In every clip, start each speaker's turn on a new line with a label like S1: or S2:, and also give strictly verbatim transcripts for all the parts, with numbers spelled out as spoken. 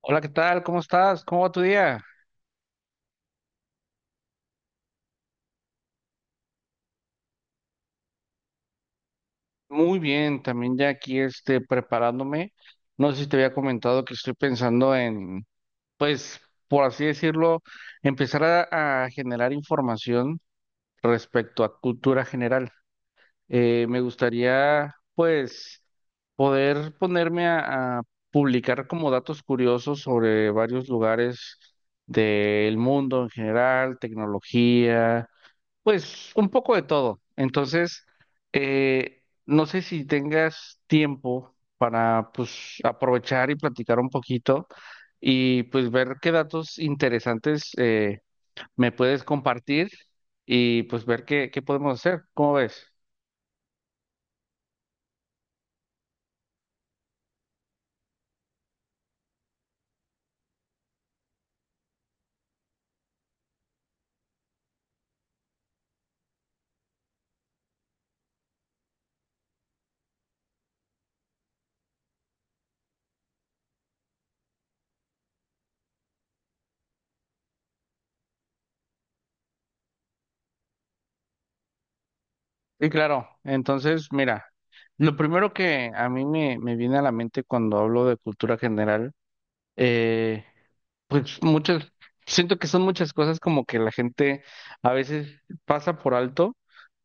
S1: Hola, ¿qué tal? ¿Cómo estás? ¿Cómo va tu día? Muy bien, también ya aquí este, preparándome. No sé si te había comentado que estoy pensando en, pues, por así decirlo, empezar a, a generar información respecto a cultura general. Eh, me gustaría, pues, poder ponerme a, a publicar como datos curiosos sobre varios lugares del mundo en general, tecnología. Pues un poco de todo. Entonces, eh, no sé si tengas tiempo para pues aprovechar y platicar un poquito y pues ver qué datos interesantes eh, me puedes compartir y pues ver qué, qué podemos hacer. ¿Cómo ves? Sí, claro, entonces mira, lo primero que a mí me, me viene a la mente cuando hablo de cultura general, pues muchas, siento que son muchas cosas como que la gente a veces pasa por alto,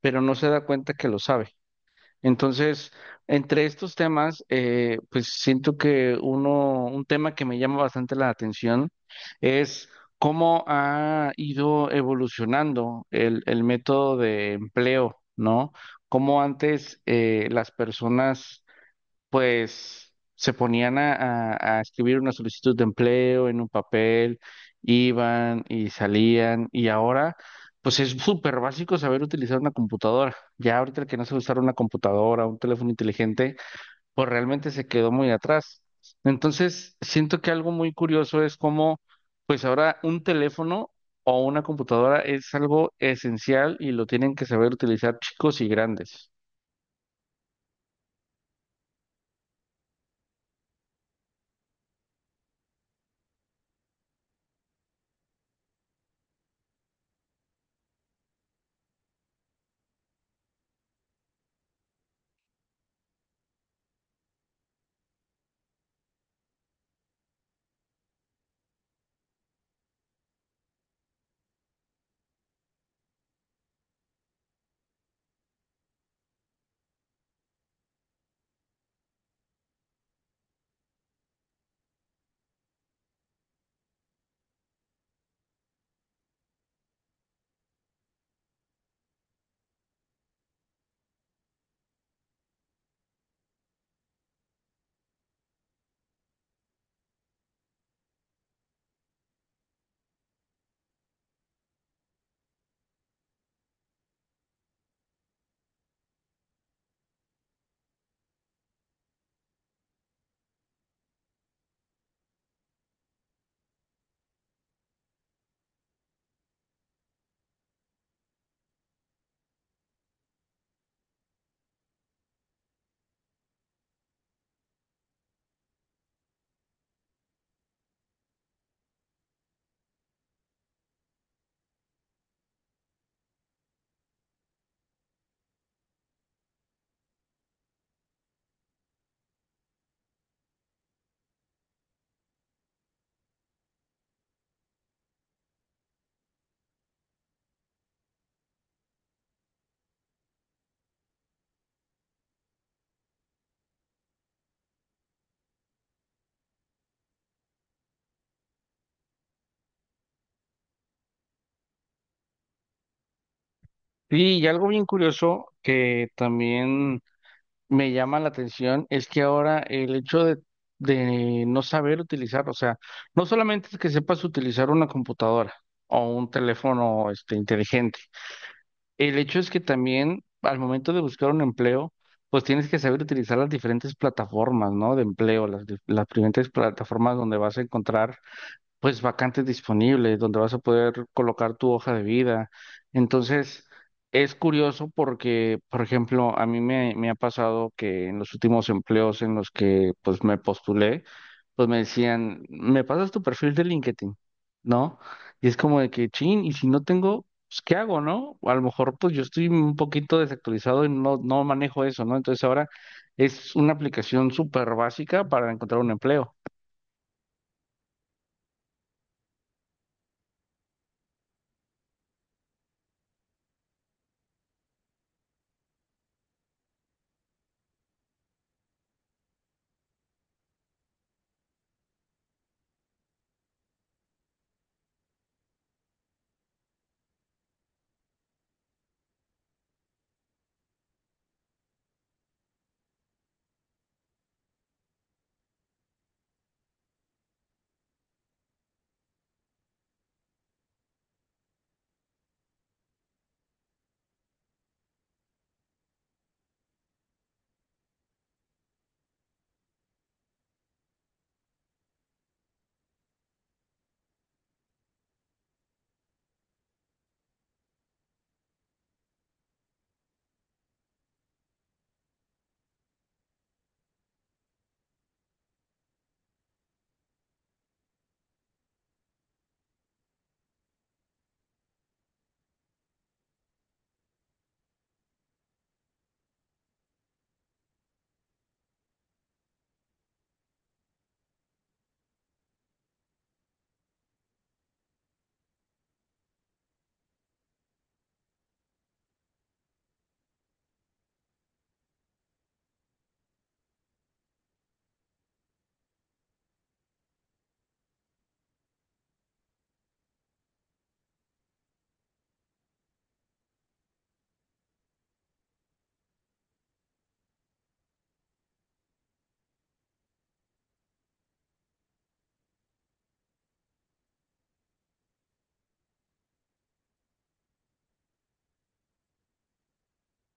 S1: pero no se da cuenta que lo sabe. Entonces, entre estos temas, eh, pues siento que uno, un tema que me llama bastante la atención es cómo ha ido evolucionando el, el método de empleo, ¿no? Cómo antes eh, las personas pues se ponían a, a- a escribir una solicitud de empleo en un papel, iban y salían, y ahora, pues es súper básico saber utilizar una computadora. Ya ahorita el que no sabe usar una computadora, un teléfono inteligente, pues realmente se quedó muy atrás. Entonces, siento que algo muy curioso es cómo, pues ahora un teléfono o una computadora es algo esencial y lo tienen que saber utilizar chicos y grandes. Sí, y algo bien curioso que también me llama la atención es que ahora el hecho de, de no saber utilizar, o sea, no solamente es que sepas utilizar una computadora o un teléfono este, inteligente, el hecho es que también al momento de buscar un empleo, pues tienes que saber utilizar las diferentes plataformas, ¿no? De empleo, las, dif- las diferentes plataformas donde vas a encontrar pues vacantes disponibles donde vas a poder colocar tu hoja de vida. Entonces, es curioso porque, por ejemplo, a mí me, me ha pasado que en los últimos empleos en los que pues me postulé, pues me decían, ¿me pasas tu perfil de LinkedIn? ¿No? Y es como de que, chin, y si no tengo, pues, ¿qué hago? ¿No? A lo mejor, pues yo estoy un poquito desactualizado y no, no manejo eso, ¿no? Entonces ahora es una aplicación súper básica para encontrar un empleo.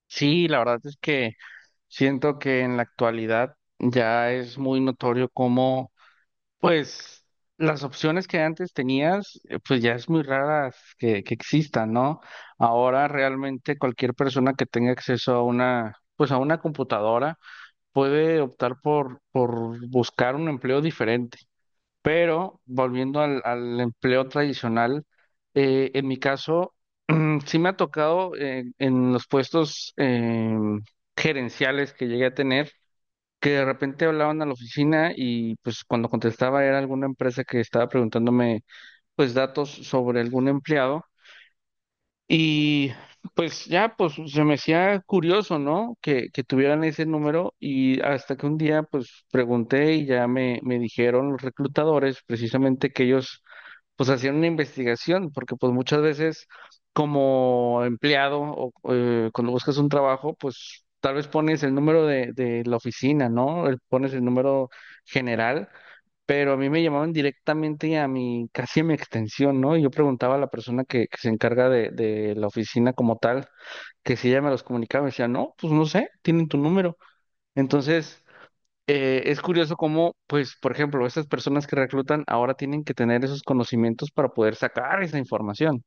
S1: Sí, la verdad es que siento que en la actualidad ya es muy notorio cómo, pues, las opciones que antes tenías, eh, pues ya es muy raras que, que existan, ¿no? Ahora realmente cualquier persona que tenga acceso a una, pues a una computadora puede optar por, por buscar un empleo diferente. Pero volviendo al, al empleo tradicional, eh, en mi caso, sí me ha tocado eh, en los puestos em, gerenciales que llegué a tener que de repente hablaban a la oficina y pues cuando contestaba era alguna empresa que estaba preguntándome pues datos sobre algún empleado y pues ya pues se me hacía curioso, ¿no? Que, que tuvieran ese número y hasta que un día pues pregunté y ya me, me dijeron los reclutadores precisamente que ellos pues hacer una investigación, porque pues muchas veces como empleado o eh, cuando buscas un trabajo, pues tal vez pones el número de, de la oficina, ¿no? El- Pones el número general, pero a mí me llamaban directamente a mi, casi a mi extensión, ¿no? Y yo preguntaba a la persona que, que se encarga de, de la oficina como tal, que si ella me los comunicaba, me decía, no, pues no sé, tienen tu número. Entonces eh, es curioso cómo, pues, por ejemplo, estas personas que reclutan ahora tienen que tener esos conocimientos para poder sacar esa información.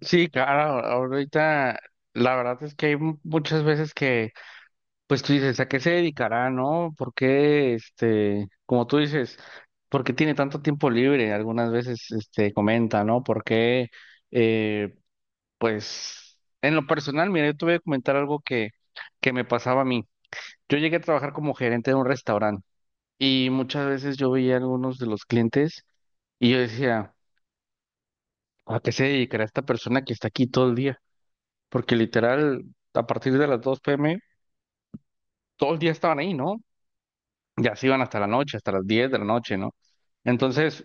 S1: Sí, claro, ahorita la verdad es que hay mu- muchas veces que, pues tú dices, ¿a qué se dedicará? ¿No? ¿Por qué, este, como tú dices, por qué tiene tanto tiempo libre? Algunas veces, este, comenta, ¿no? ¿Por qué, eh, pues, en lo personal, mira, yo te voy a comentar algo que, que me pasaba a mí. Yo llegué a trabajar como gerente de un restaurante. Y muchas veces yo veía a algunos de los clientes y yo decía, ¿a qué se dedicará esta persona que está aquí todo el día? Porque literal, a partir de las dos p m, todo el día estaban ahí, ¿no? Ya se iban hasta la noche, hasta las diez de la noche, ¿no? Entonces,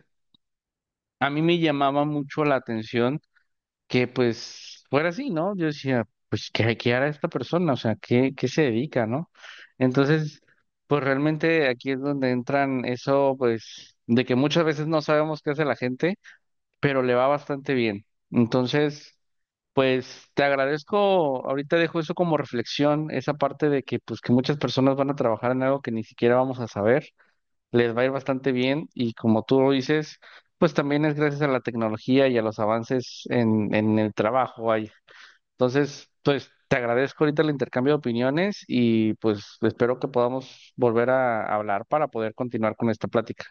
S1: a mí me llamaba mucho la atención que pues fuera así, ¿no? Yo decía, pues, ¿qué, qué hará esta persona? O sea, ¿qué, qué se dedica? ¿No? Entonces, pues realmente aquí es donde entran eso, pues, de que muchas veces no sabemos qué hace la gente pero le va bastante bien. Entonces, pues te agradezco, ahorita dejo eso como reflexión, esa parte de que pues que muchas personas van a trabajar en algo que ni siquiera vamos a saber, les va a ir bastante bien y como tú lo dices, pues también es gracias a la tecnología y a los avances en, en el trabajo ahí. Entonces, pues te agradezco ahorita el intercambio de opiniones y pues espero que podamos volver a hablar para poder continuar con esta plática.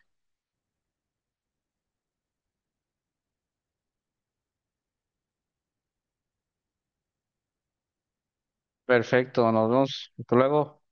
S1: Perfecto, nos vemos. Hasta luego.